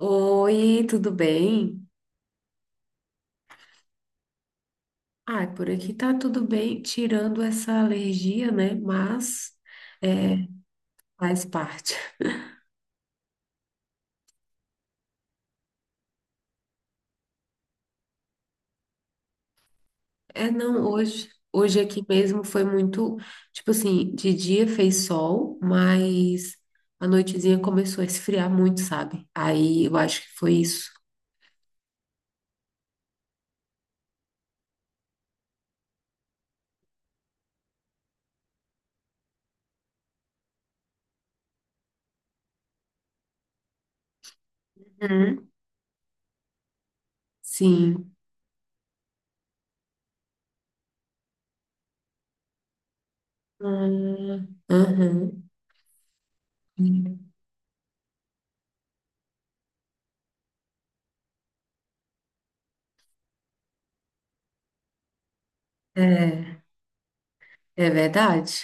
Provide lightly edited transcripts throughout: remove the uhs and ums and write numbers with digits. Oi, tudo bem? Ah, por aqui tá tudo bem, tirando essa alergia, né? Mas é, faz parte. É, não, hoje aqui mesmo foi muito, tipo assim, de dia fez sol, mas a noitezinha começou a esfriar muito, sabe? Aí eu acho que foi isso. Uhum. Sim. Uhum. É, é verdade.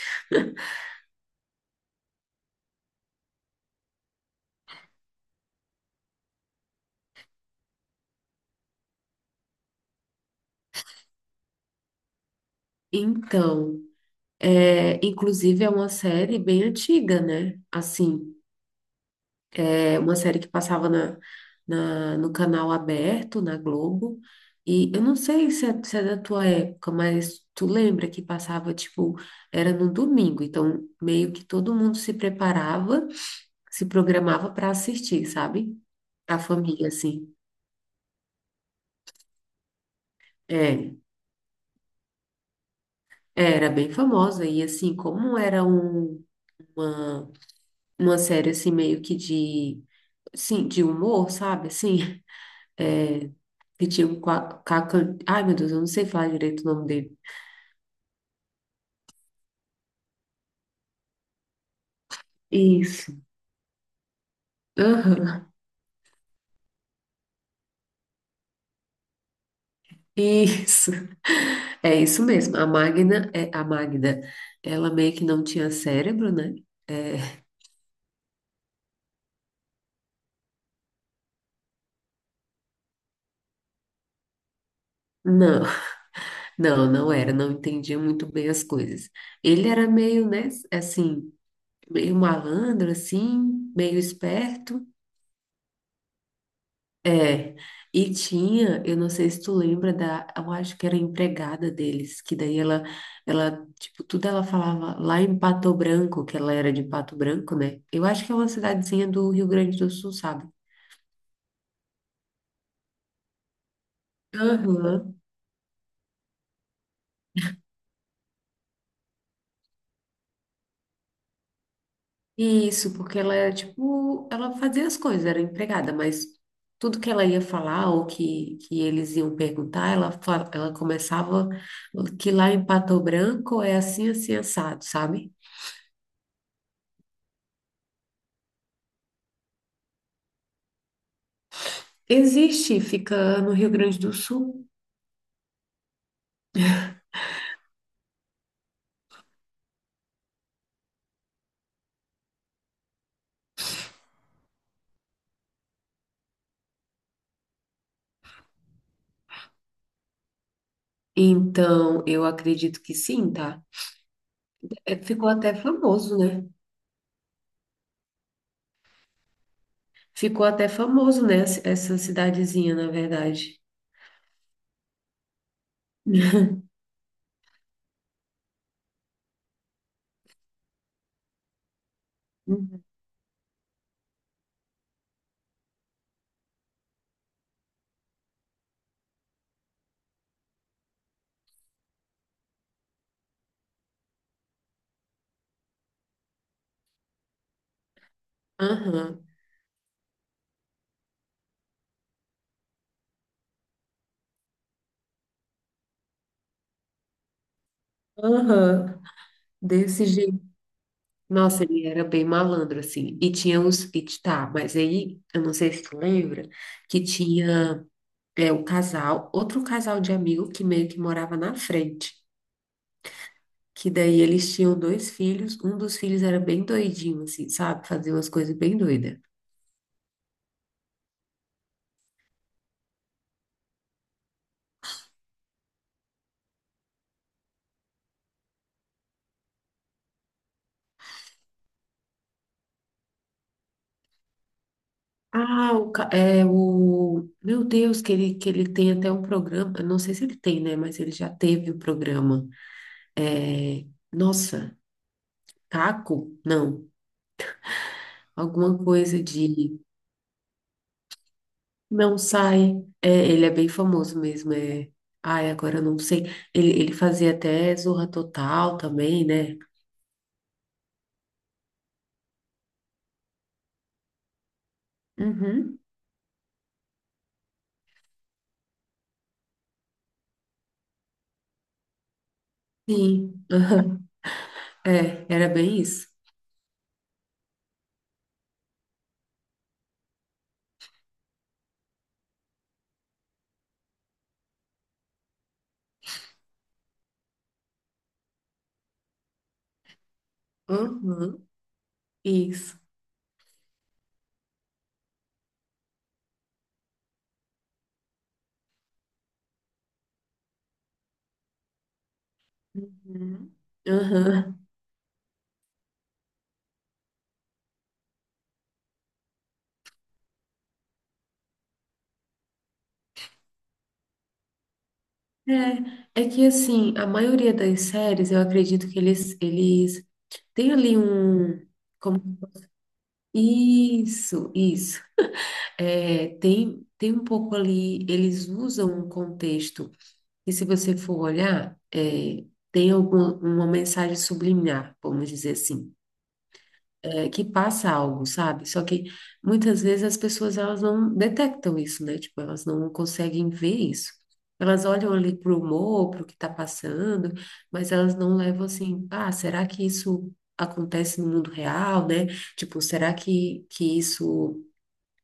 Então. É, inclusive, é uma série bem antiga, né? Assim, é uma série que passava no canal aberto, na Globo. E eu não sei se é da tua época, mas tu lembra que passava, tipo, era no domingo. Então, meio que todo mundo se preparava, se programava para assistir, sabe? A família, assim. É, era bem famosa. E, assim, como era uma, uma série, assim, meio que de, assim, de humor, sabe? Assim. é, que tinha um Caca. Ai, meu Deus, eu não sei falar direito o nome dele. Isso. Aham, isso. É isso mesmo. A Magna, é, a Magda, ela meio que não tinha cérebro, né? É, não, não era, não entendia muito bem as coisas. Ele era meio, né, assim, meio malandro, assim, meio esperto. É, e tinha, eu não sei se tu lembra da, eu acho que era a empregada deles, que daí ela, ela, tipo, tudo ela falava lá em Pato Branco, que ela era de Pato Branco, né? Eu acho que é uma cidadezinha do Rio Grande do Sul, sabe? Aham. Isso, porque ela era, tipo, ela fazia as coisas, era empregada, mas tudo que ela ia falar ou que eles iam perguntar, ela começava que lá em Pato Branco é assim, assim, assado, sabe? Existe, fica no Rio Grande do Sul. Então, eu acredito que sim, tá? É, ficou até famoso, né? Ficou até famoso, né? Essa cidadezinha, na verdade. Uhum. Aham, aham. Desse jeito. Nossa, ele era bem malandro, assim. E tinha os. E, tá, mas aí, eu não sei se tu lembra, que tinha o casal, outro casal de amigo que meio que morava na frente. Que daí eles tinham dois filhos, um dos filhos era bem doidinho, assim, sabe? Fazia umas coisas bem doidas. Ah, é o. Meu Deus, que ele tem até um programa. Eu não sei se ele tem, né? Mas ele já teve o programa. É... Nossa, Caco? Não. Alguma coisa de. Não sai. É, ele é bem famoso mesmo. É... Ai, agora eu não sei. Ele fazia até Zorra Total também, né? Uhum. Sim. É, era bem isso. Uhum. Isso. Uhum. Aham. É, é que assim, a maioria das séries, eu acredito que eles têm ali um. Como... Isso, isso. É, tem um pouco ali, eles usam um contexto, e se você for olhar, é, tem alguma, uma mensagem subliminar, vamos dizer assim. É, que passa algo, sabe? Só que muitas vezes as pessoas elas não detectam isso, né? Tipo, elas não conseguem ver isso. Elas olham ali pro humor, pro que tá passando, mas elas não levam assim, ah, será que isso acontece no mundo real, né? Tipo, será que isso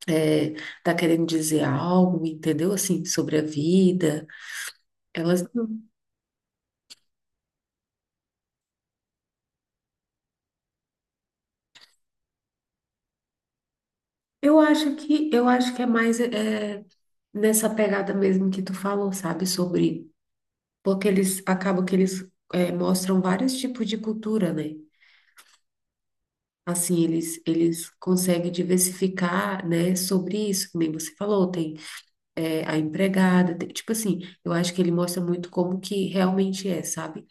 é, tá querendo dizer algo, entendeu? Assim, sobre a vida. Elas não- eu acho que é mais é, nessa pegada mesmo que tu falou, sabe? Sobre porque eles acabam que eles mostram vários tipos de cultura, né? Assim, eles conseguem diversificar, né, sobre isso, que nem você falou, tem a empregada, tipo assim, eu acho que ele mostra muito como que realmente é, sabe?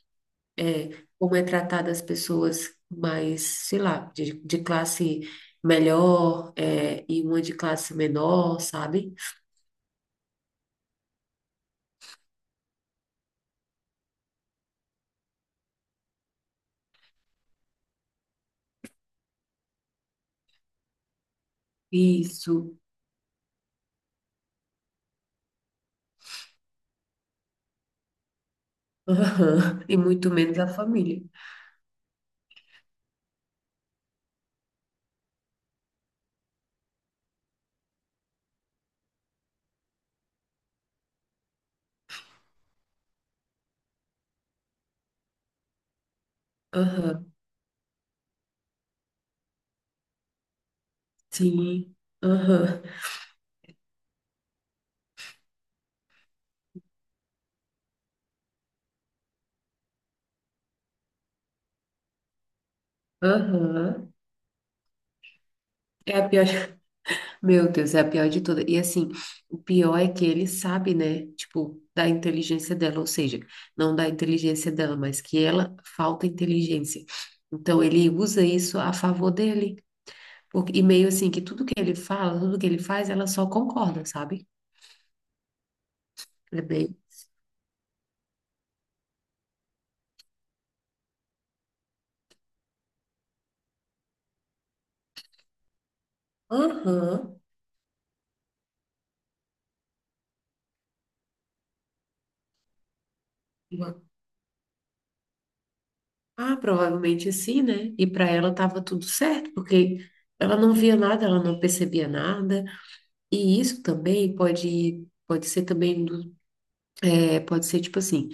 Como é tratada as pessoas mais, sei lá, de classe melhor, e uma de classe menor, sabe? Isso, aham. E muito menos a família. Aham, sim, aham. Aham. É a pior, meu Deus, é a pior de todas. E assim, o pior é que ele sabe, né? Tipo, da inteligência dela, ou seja, não da inteligência dela, mas que ela falta inteligência. Então ele usa isso a favor dele. Porque, e meio assim, que tudo que ele fala, tudo que ele faz, ela só concorda, sabe? É meio, aham. Uma- Ah, provavelmente sim, né? E para ela tava tudo certo, porque ela não via nada, ela não percebia nada. E isso também pode pode ser também. É, pode ser tipo assim,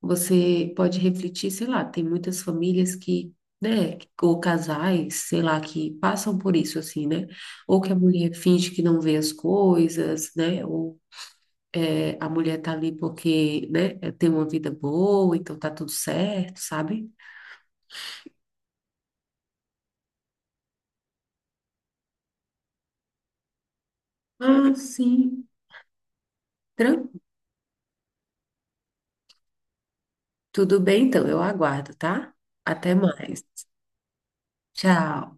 você pode refletir, sei lá, tem muitas famílias que, né, ou casais, sei lá, que passam por isso assim, né? Ou que a mulher finge que não vê as coisas, né? Ou é, a mulher tá ali porque, né, é, tem uma vida boa, então tá tudo certo, sabe? Ah, sim. Tran- Tudo bem, então, eu aguardo, tá? Até mais. Tchau.